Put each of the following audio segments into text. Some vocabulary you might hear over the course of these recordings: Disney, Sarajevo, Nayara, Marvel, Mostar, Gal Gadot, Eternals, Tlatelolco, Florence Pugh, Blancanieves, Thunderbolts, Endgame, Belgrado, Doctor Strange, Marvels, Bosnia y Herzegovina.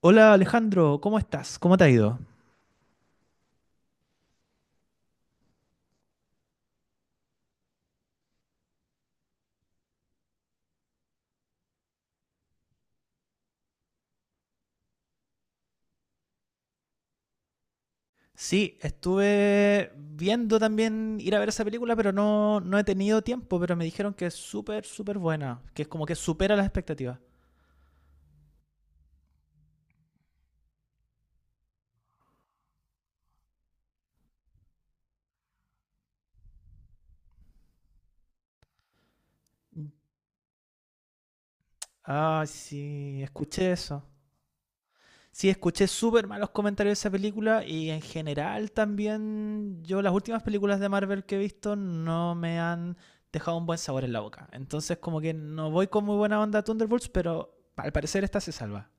Hola Alejandro, ¿cómo estás? ¿Cómo te ha ido? Sí, estuve viendo también ir a ver esa película, pero no he tenido tiempo, pero me dijeron que es súper, súper buena, que es como que supera las expectativas. Ah, sí, escuché eso. Sí, escuché súper malos comentarios de esa película y en general también yo las últimas películas de Marvel que he visto no me han dejado un buen sabor en la boca. Entonces como que no voy con muy buena onda a Thunderbolts, pero al parecer esta se salva.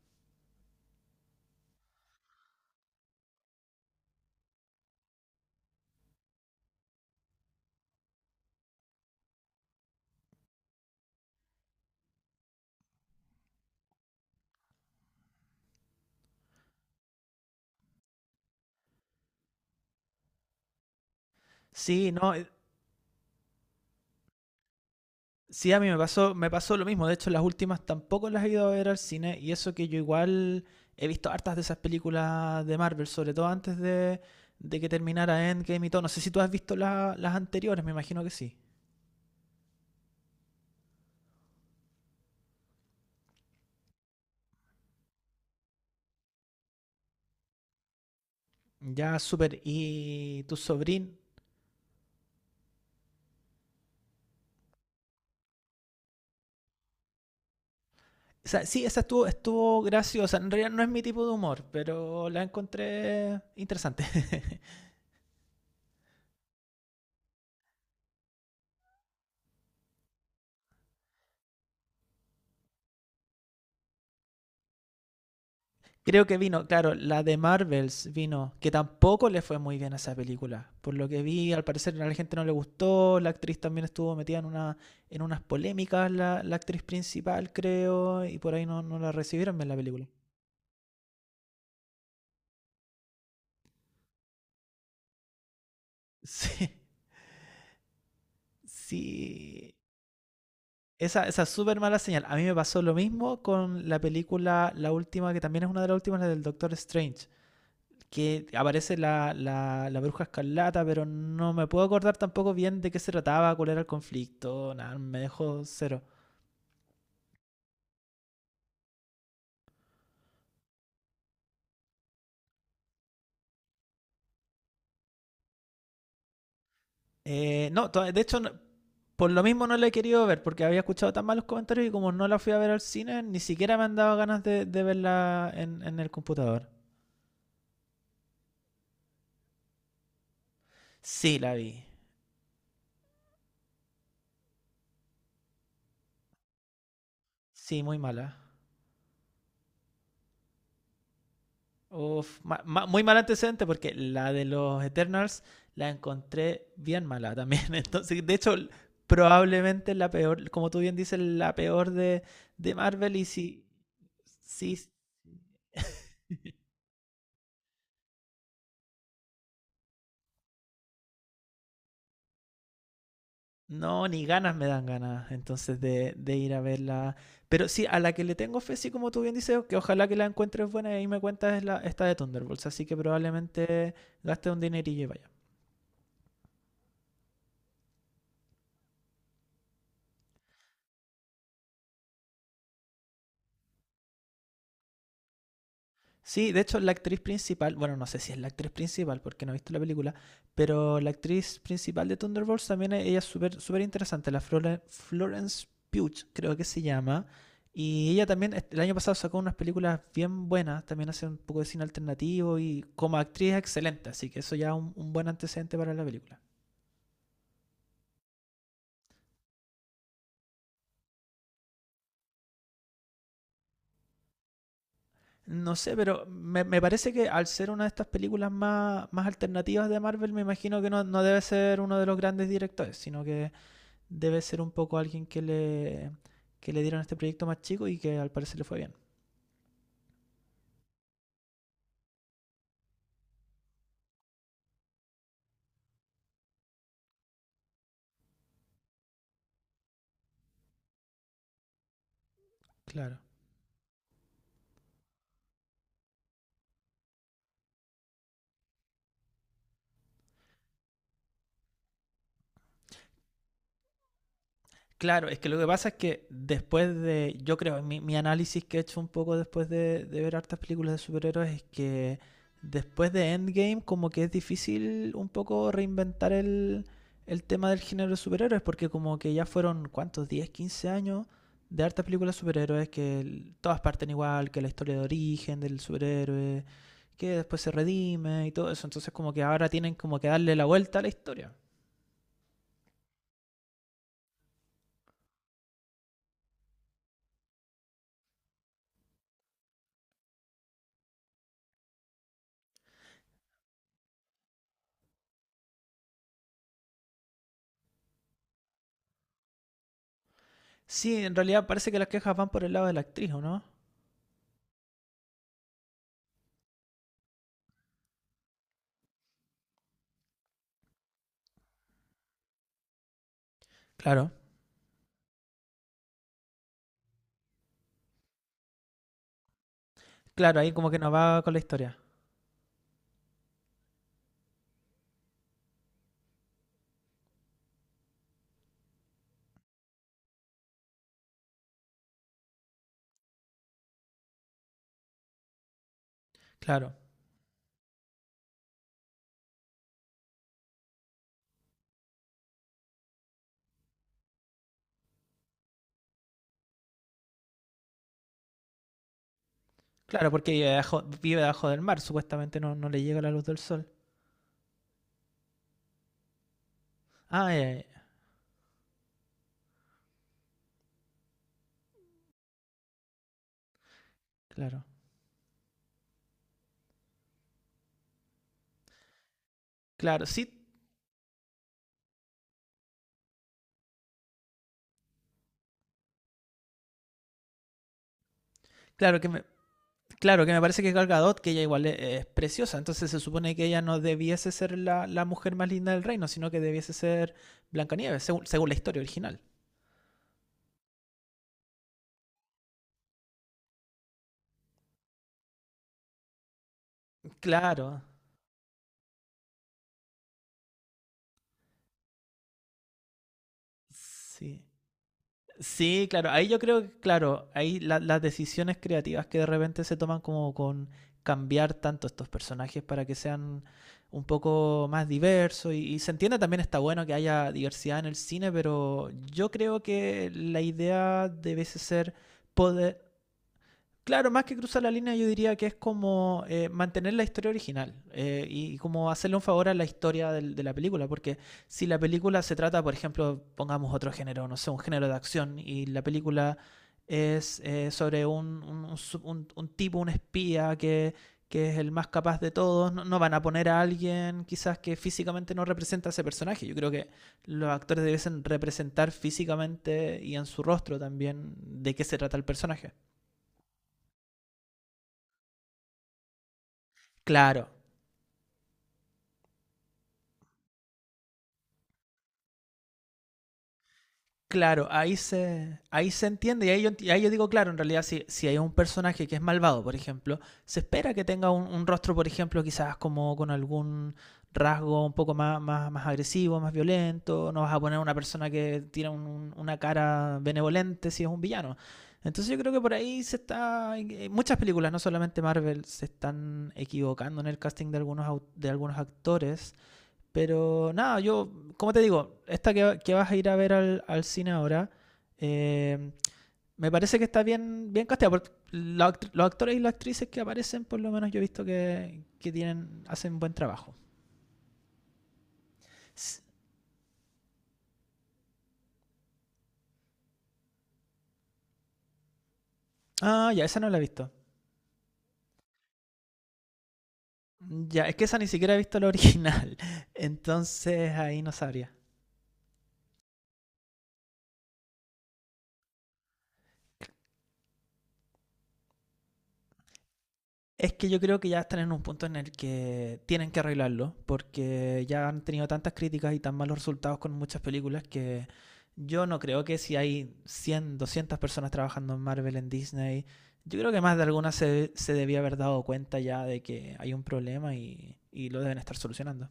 Sí, no, sí, a mí me pasó lo mismo. De hecho, las últimas tampoco las he ido a ver al cine. Y eso que yo igual he visto hartas de esas películas de Marvel, sobre todo antes de que terminara Endgame y todo. No sé si tú has visto las anteriores, me imagino que sí. Ya, súper. Y tu sobrín. O sea, sí, esa estuvo, estuvo graciosa. En realidad no es mi tipo de humor, pero la encontré interesante. Creo que vino, claro, la de Marvels vino, que tampoco le fue muy bien a esa película. Por lo que vi, al parecer a la gente no le gustó, la actriz también estuvo metida en una, en unas polémicas, la actriz principal, creo, y por ahí no la recibieron bien la película. Sí, sí. Esa es súper mala señal. A mí me pasó lo mismo con la película, la última, que también es una de las últimas, la del Doctor Strange, que aparece la bruja escarlata, pero no me puedo acordar tampoco bien de qué se trataba, cuál era el conflicto, nada, me dejó cero. No, de hecho, por lo mismo no la he querido ver, porque había escuchado tan malos comentarios y como no la fui a ver al cine, ni siquiera me han dado ganas de verla en el computador. Sí, la vi. Sí, muy mala. Uf, muy mal antecedente porque la de los Eternals la encontré bien mala también. Entonces, de hecho, probablemente la peor, como tú bien dices, la peor de Marvel. Y si, si no, ni ganas me dan ganas entonces de ir a verla. Pero sí, a la que le tengo fe, sí, como tú bien dices, que ojalá que la encuentres buena y ahí me cuentas es la, esta de Thunderbolts. Así que probablemente gaste un dinerillo y vaya. Sí, de hecho, la actriz principal, bueno, no sé si es la actriz principal porque no he visto la película, pero la actriz principal de Thunderbolts también ella es súper súper interesante, la Florence Pugh, creo que se llama. Y ella también el año pasado sacó unas películas bien buenas, también hace un poco de cine alternativo y como actriz es excelente, así que eso ya es un buen antecedente para la película. No sé, pero me parece que al ser una de estas películas más, más alternativas de Marvel, me imagino que no debe ser uno de los grandes directores, sino que debe ser un poco alguien que le dieron este proyecto más chico y que al parecer le fue bien. Claro. Claro, es que lo que pasa es que después de, yo creo, mi análisis que he hecho un poco después de ver hartas películas de superhéroes es que después de Endgame como que es difícil un poco reinventar el tema del género de superhéroes porque como que ya fueron, ¿cuántos? 10 15 años de hartas películas de superhéroes que todas parten igual, que la historia de origen del superhéroe, que después se redime y todo eso, entonces como que ahora tienen como que darle la vuelta a la historia. Sí, en realidad parece que las quejas van por el lado de la actriz, ¿o no? Claro, claro, ahí como que no va con la historia. Claro, claro, porque vive debajo del mar, supuestamente no le llega la luz del sol. Ah, ya, ya, ya, claro, claro, sí, claro que me, claro que me parece que Gal Gadot, que ella igual es preciosa, entonces se supone que ella no debiese ser la mujer más linda del reino, sino que debiese ser Blancanieves, según, según la historia original. Claro, sí. Sí, claro, ahí yo creo que, claro, ahí las decisiones creativas que de repente se toman como con cambiar tanto estos personajes para que sean un poco más diversos y se entiende también está bueno que haya diversidad en el cine, pero yo creo que la idea debe ser poder. Claro, más que cruzar la línea, yo diría que es como mantener la historia original y como hacerle un favor a la historia de la película, porque si la película se trata, por ejemplo, pongamos otro género, no sé, un género de acción, y la película es sobre un, un tipo, un espía que es el más capaz de todos, no, no van a poner a alguien quizás que físicamente no representa a ese personaje. Yo creo que los actores debiesen representar físicamente y en su rostro también de qué se trata el personaje. Claro, claro, ahí se entiende y ahí, yo, ahí yo digo, claro, en realidad si, si hay un personaje que es malvado, por ejemplo, se espera que tenga un rostro, por ejemplo, quizás como con algún rasgo un poco más, más, más agresivo, más violento, no vas a poner una persona que tiene una cara benevolente si es un villano. Entonces yo creo que por ahí se está, muchas películas, no solamente Marvel, se están equivocando en el casting de algunos, de algunos actores, pero nada, yo, como te digo, esta que vas a ir a ver al cine ahora, eh, me parece que está bien, bien casteada, porque los actores y las actrices que aparecen, por lo menos yo he visto que tienen, hacen buen trabajo. S- Ah, ya, esa no la he visto. Ya, es que esa ni siquiera he visto la original. Entonces ahí no sabría. Es que yo creo que ya están en un punto en el que tienen que arreglarlo, porque ya han tenido tantas críticas y tan malos resultados con muchas películas que yo no creo que si hay 100, 200 personas trabajando en Marvel, en Disney, yo creo que más de alguna se, se debía haber dado cuenta ya de que hay un problema y lo deben estar solucionando.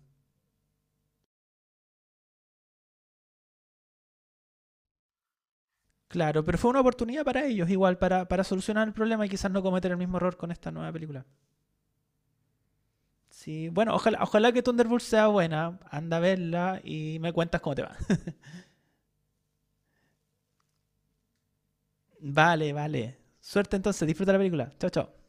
Claro, pero fue una oportunidad para ellos, igual, para solucionar el problema y quizás no cometer el mismo error con esta nueva película. Sí, bueno, ojalá, ojalá que Thunderbolt sea buena, anda a verla y me cuentas cómo te va. Vale, vale. Suerte entonces, disfruta la película. Chao, chao.